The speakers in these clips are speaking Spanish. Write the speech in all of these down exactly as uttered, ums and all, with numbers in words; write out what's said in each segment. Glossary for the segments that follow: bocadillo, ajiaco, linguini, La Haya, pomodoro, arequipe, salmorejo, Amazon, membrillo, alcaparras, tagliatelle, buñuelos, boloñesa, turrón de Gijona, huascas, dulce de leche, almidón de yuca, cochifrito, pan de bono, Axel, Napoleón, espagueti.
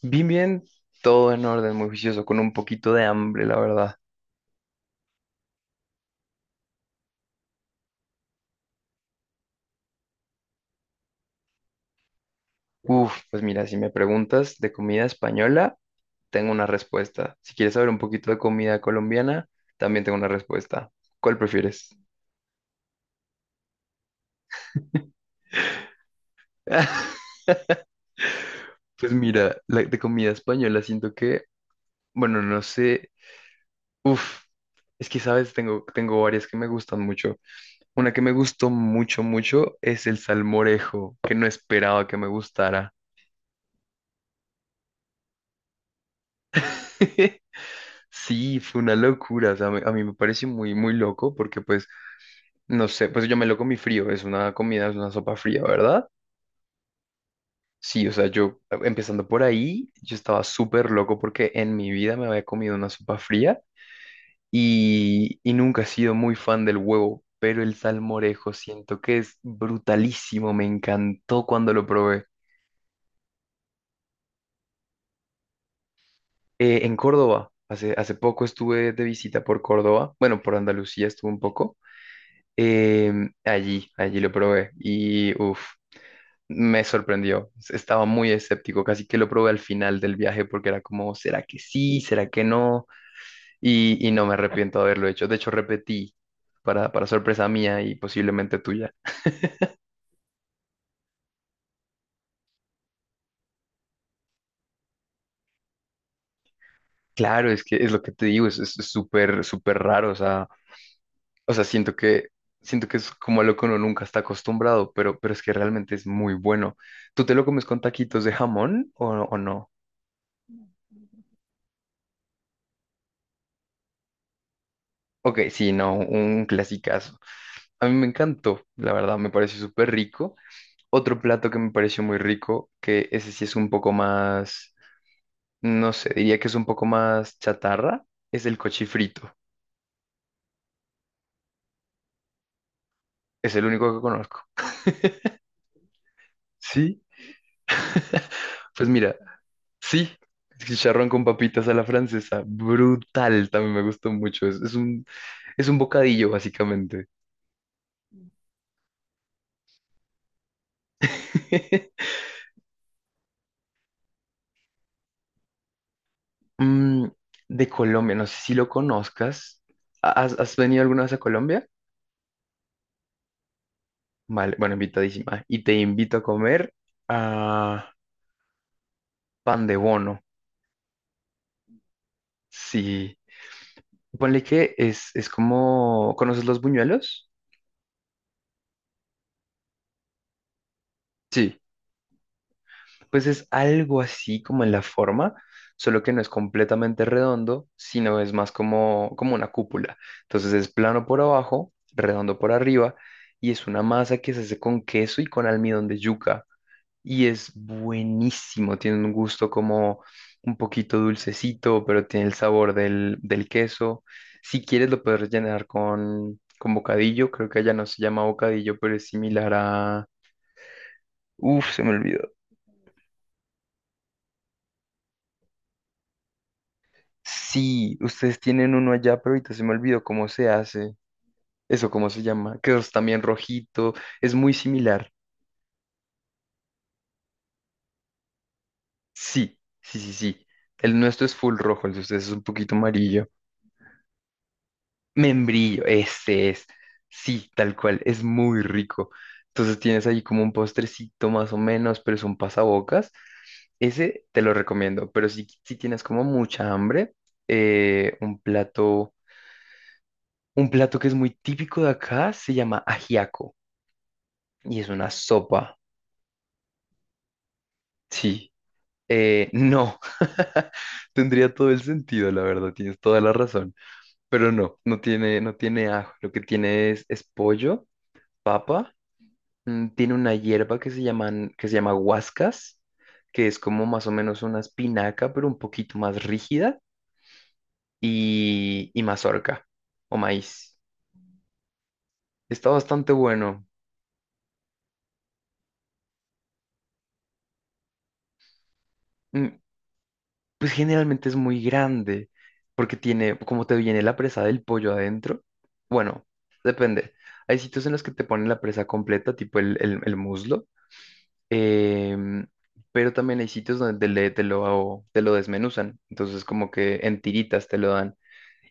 Bien, bien, todo en orden, muy juicioso, con un poquito de hambre, la verdad. Uf, pues mira, si me preguntas de comida española, tengo una respuesta. Si quieres saber un poquito de comida colombiana, también tengo una respuesta. ¿Cuál prefieres? Pues mira, la de comida española siento que, bueno, no sé, uf, es que sabes, tengo, tengo varias que me gustan mucho. Una que me gustó mucho, mucho es el salmorejo, que no esperaba que me gustara. Sí, fue una locura, o sea, a mí, a mí me pareció muy, muy loco porque pues, no sé, pues yo me lo comí frío, es una comida, es una sopa fría, ¿verdad? Sí, o sea, yo, eh, empezando por ahí, yo estaba súper loco porque en mi vida me había comido una sopa fría y, y nunca he sido muy fan del huevo, pero el salmorejo siento que es brutalísimo, me encantó cuando lo probé. Eh, en Córdoba, hace, hace poco estuve de visita por Córdoba, bueno, por Andalucía estuve un poco. Em, allí, allí lo probé y uff, me sorprendió. Estaba muy escéptico, casi que lo probé al final del viaje porque era como, ¿será que sí? ¿Será que no? Y, y no me arrepiento de haberlo hecho. De hecho, repetí para, para sorpresa mía y posiblemente tuya. Claro, es que es lo que te digo, es es- es súper, súper raro. O sea, o sea, siento que, siento que es como a lo que uno nunca está acostumbrado, pero, pero es que realmente es muy bueno. ¿Tú te lo comes con taquitos de jamón o, o no? Ok, sí, no, un clasicazo. A mí me encantó, la verdad, me pareció súper rico. Otro plato que me pareció muy rico, que ese sí es un poco más, no sé, diría que es un poco más chatarra, es el cochifrito. Es el único que conozco. Sí, pues mira, sí, chicharrón con papitas a la francesa, brutal, también me gustó mucho. Es, es un, es un bocadillo, básicamente. Mm, de Colombia, no sé si lo conozcas. ¿Has, has venido alguna vez a Colombia? Vale, bueno, invitadísima. Y te invito a comer a pan de bono. Sí. Ponle que es, es como... ¿Conoces los buñuelos? Sí. Pues es algo así como en la forma, solo que no es completamente redondo, sino es más como, como una cúpula. Entonces es plano por abajo, redondo por arriba, y es una masa que se hace con queso y con almidón de yuca. Y es buenísimo. Tiene un gusto como un poquito dulcecito, pero tiene el sabor del, del queso. Si quieres, lo puedes rellenar con, con bocadillo. Creo que allá no se llama bocadillo, pero es similar a... Uf, se me olvidó. Sí, ustedes tienen uno allá, pero ahorita se me olvidó cómo se hace. Eso, ¿cómo se llama? Que es también rojito. Es muy similar. Sí, sí, sí, sí. El nuestro es full rojo, el de ustedes es un poquito amarillo. Membrillo, ese es. Sí, tal cual, es muy rico. Entonces tienes ahí como un postrecito más o menos, pero son pasabocas. Ese te lo recomiendo, pero si, si tienes como mucha hambre, eh, un plato, un plato que es muy típico de acá se llama ajiaco y es una sopa. Sí, eh, no, tendría todo el sentido, la verdad, tienes toda la razón, pero no, no tiene, no tiene ajo, lo que tiene es, es pollo, papa, mm, tiene una hierba que se llaman, que se llama huascas, que es como más o menos una espinaca, pero un poquito más rígida, y, y mazorca o maíz. Está bastante bueno. Mm, pues generalmente es muy grande, porque tiene, como te viene la presa del pollo adentro, bueno, depende. Hay sitios en los que te ponen la presa completa, tipo el, el- el muslo, em, pero también hay sitios donde te, le- te lo, te lo desmenuzan, entonces como que en tiritas te lo dan.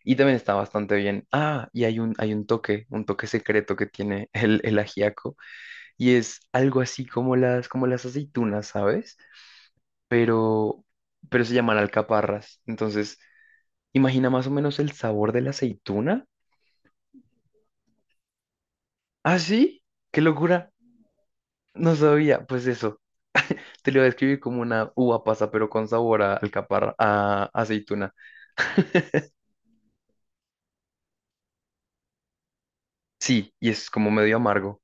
Y también está bastante bien. Ah, y hay un, hay un toque, un toque secreto que tiene el, el ajiaco. Y es algo así como las, como las aceitunas, ¿sabes? Pero, pero se llaman alcaparras. Entonces, imagina más o menos el sabor de la aceituna. ¿Ah, sí? ¡Qué locura! No sabía. Pues eso, te lo voy a describir como una uva pasa, pero con sabor a alcaparra, a aceituna. Sí, y es como medio amargo.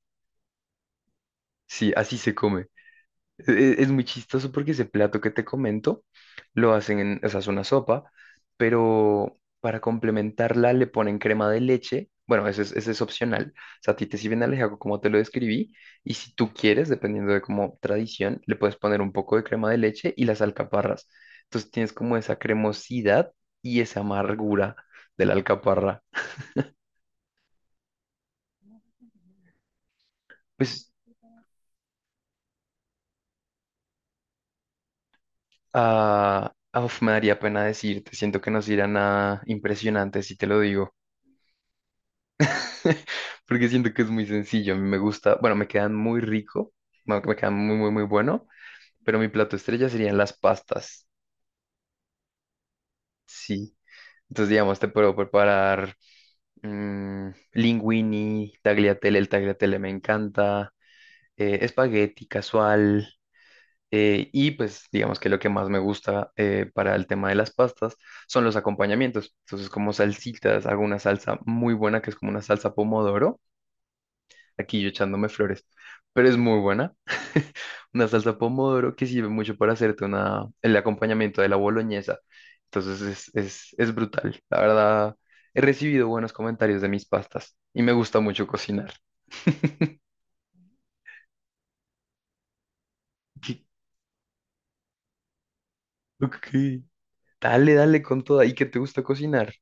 Sí, así se come. E- Es muy chistoso porque ese plato que te comento lo hacen en, o sea, es una sopa, pero para complementarla le ponen crema de leche. Bueno, ese es, ese es opcional. O sea, a ti te sirven alejaco como te lo describí. Y si tú quieres, dependiendo de como tradición, le puedes poner un poco de crema de leche y las alcaparras. Entonces tienes como esa cremosidad y esa amargura de la alcaparra. Pues, ah, ah, uf, me daría pena decirte. Siento que no será nada impresionante si te lo digo. Porque siento que es muy sencillo. A mí me gusta, bueno, me quedan muy rico, me me quedan muy, muy, muy bueno, pero mi plato estrella serían las pastas, sí. Entonces, digamos, te puedo preparar, mm, linguini, tagliatelle, el tagliatelle me encanta, eh, espagueti casual, eh, y pues digamos que lo que más me gusta, eh, para el tema de las pastas son los acompañamientos. Entonces, como salsitas, hago una salsa muy buena que es como una salsa pomodoro, aquí yo echándome flores, pero es muy buena. Una salsa pomodoro que sirve mucho para hacerte una, el acompañamiento de la boloñesa. Entonces es, es, es brutal. La verdad, he recibido buenos comentarios de mis pastas y me gusta mucho cocinar. ¿Qué? Ok. Dale, dale con toda. ¿Y qué te gusta cocinar?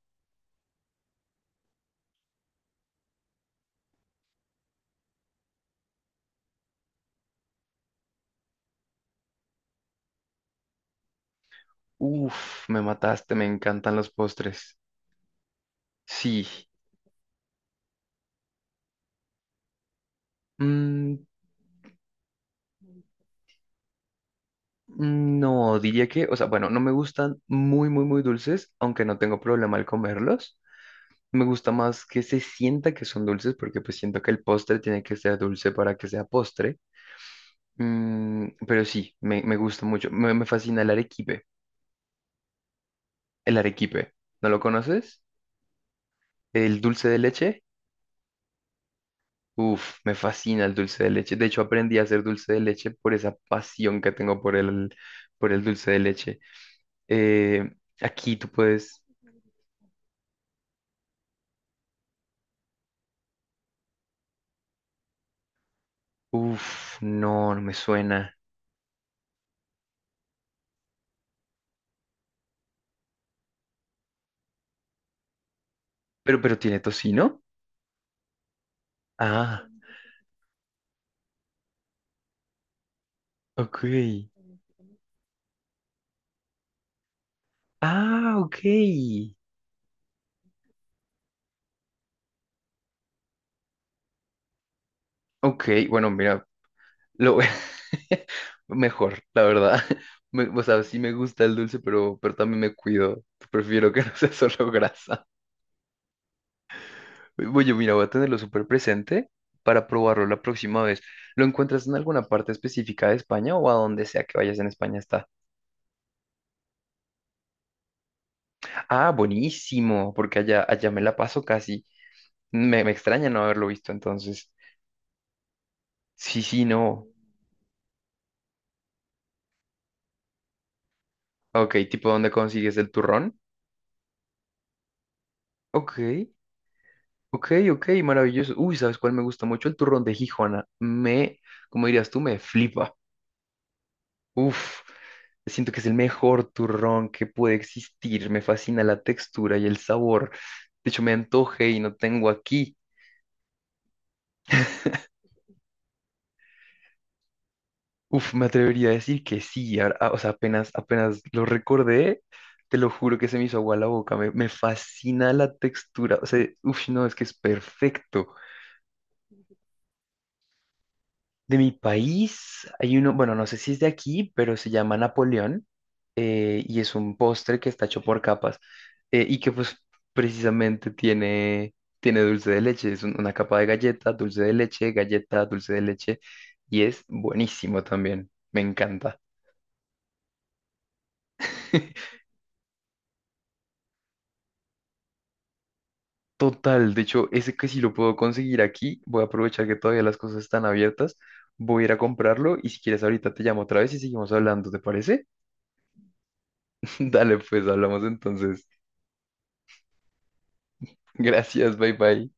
Uf, me mataste, me encantan los postres. Sí. Mm, mm, no, diría que, o sea, bueno, no me gustan muy, muy, muy dulces, aunque no tengo problema al comerlos. Me gusta más que se sienta que son dulces porque pues siento que el postre tiene que ser dulce para que sea postre. Mm, pero sí, me, me gusta mucho. Me, me fascina el arequipe. El arequipe. ¿No lo conoces? El dulce de leche. Uf, me fascina el dulce de leche. De hecho, aprendí a hacer dulce de leche por esa pasión que tengo por el, por el dulce de leche. Eh, aquí tú puedes... Uf, no, no me suena. Pero, pero tiene tocino. Ah, ok. Ah, ok. Ok, bueno, mira, lo voy- mejor, la verdad. Me- o sea, sí me gusta el dulce, pero, pero también me cuido. Prefiero que no sea solo grasa. Oye, mira, voy a tenerlo súper presente para probarlo la próxima vez. ¿Lo encuentras en alguna parte específica de España o a donde sea que vayas en España está? Ah, buenísimo, porque allá, allá me la paso casi. Me, me extraña no haberlo visto entonces. Sí, sí, no. Ok, tipo, ¿dónde consigues el turrón? Ok. Ok, ok, maravilloso. Uy, ¿sabes cuál me gusta mucho? El turrón de Gijona. Me, como dirías tú, me flipa. Uf, siento que es el mejor turrón que puede existir. Me fascina la textura y el sabor. De hecho, me antoje y no tengo aquí. Uf, me atrevería a decir que sí. a- a- o sea, apenas, apenas lo recordé, te lo juro que se me hizo agua la boca. Me, me fascina la textura. O sea, uf, no, es que es perfecto. De mi país hay uno, bueno, no sé si es de aquí, pero se llama Napoleón, eh, y es un postre que está hecho por capas, eh, y que pues precisamente tiene, tiene dulce de leche. Es un- una capa de galleta, dulce de leche, galleta, dulce de leche y es buenísimo también. Me encanta. Total, de hecho, ese que si lo puedo conseguir aquí, voy a aprovechar que todavía las cosas están abiertas. Voy a ir a comprarlo y si quieres ahorita te llamo otra vez y seguimos hablando, ¿te parece? Dale, pues hablamos entonces. Gracias, bye bye.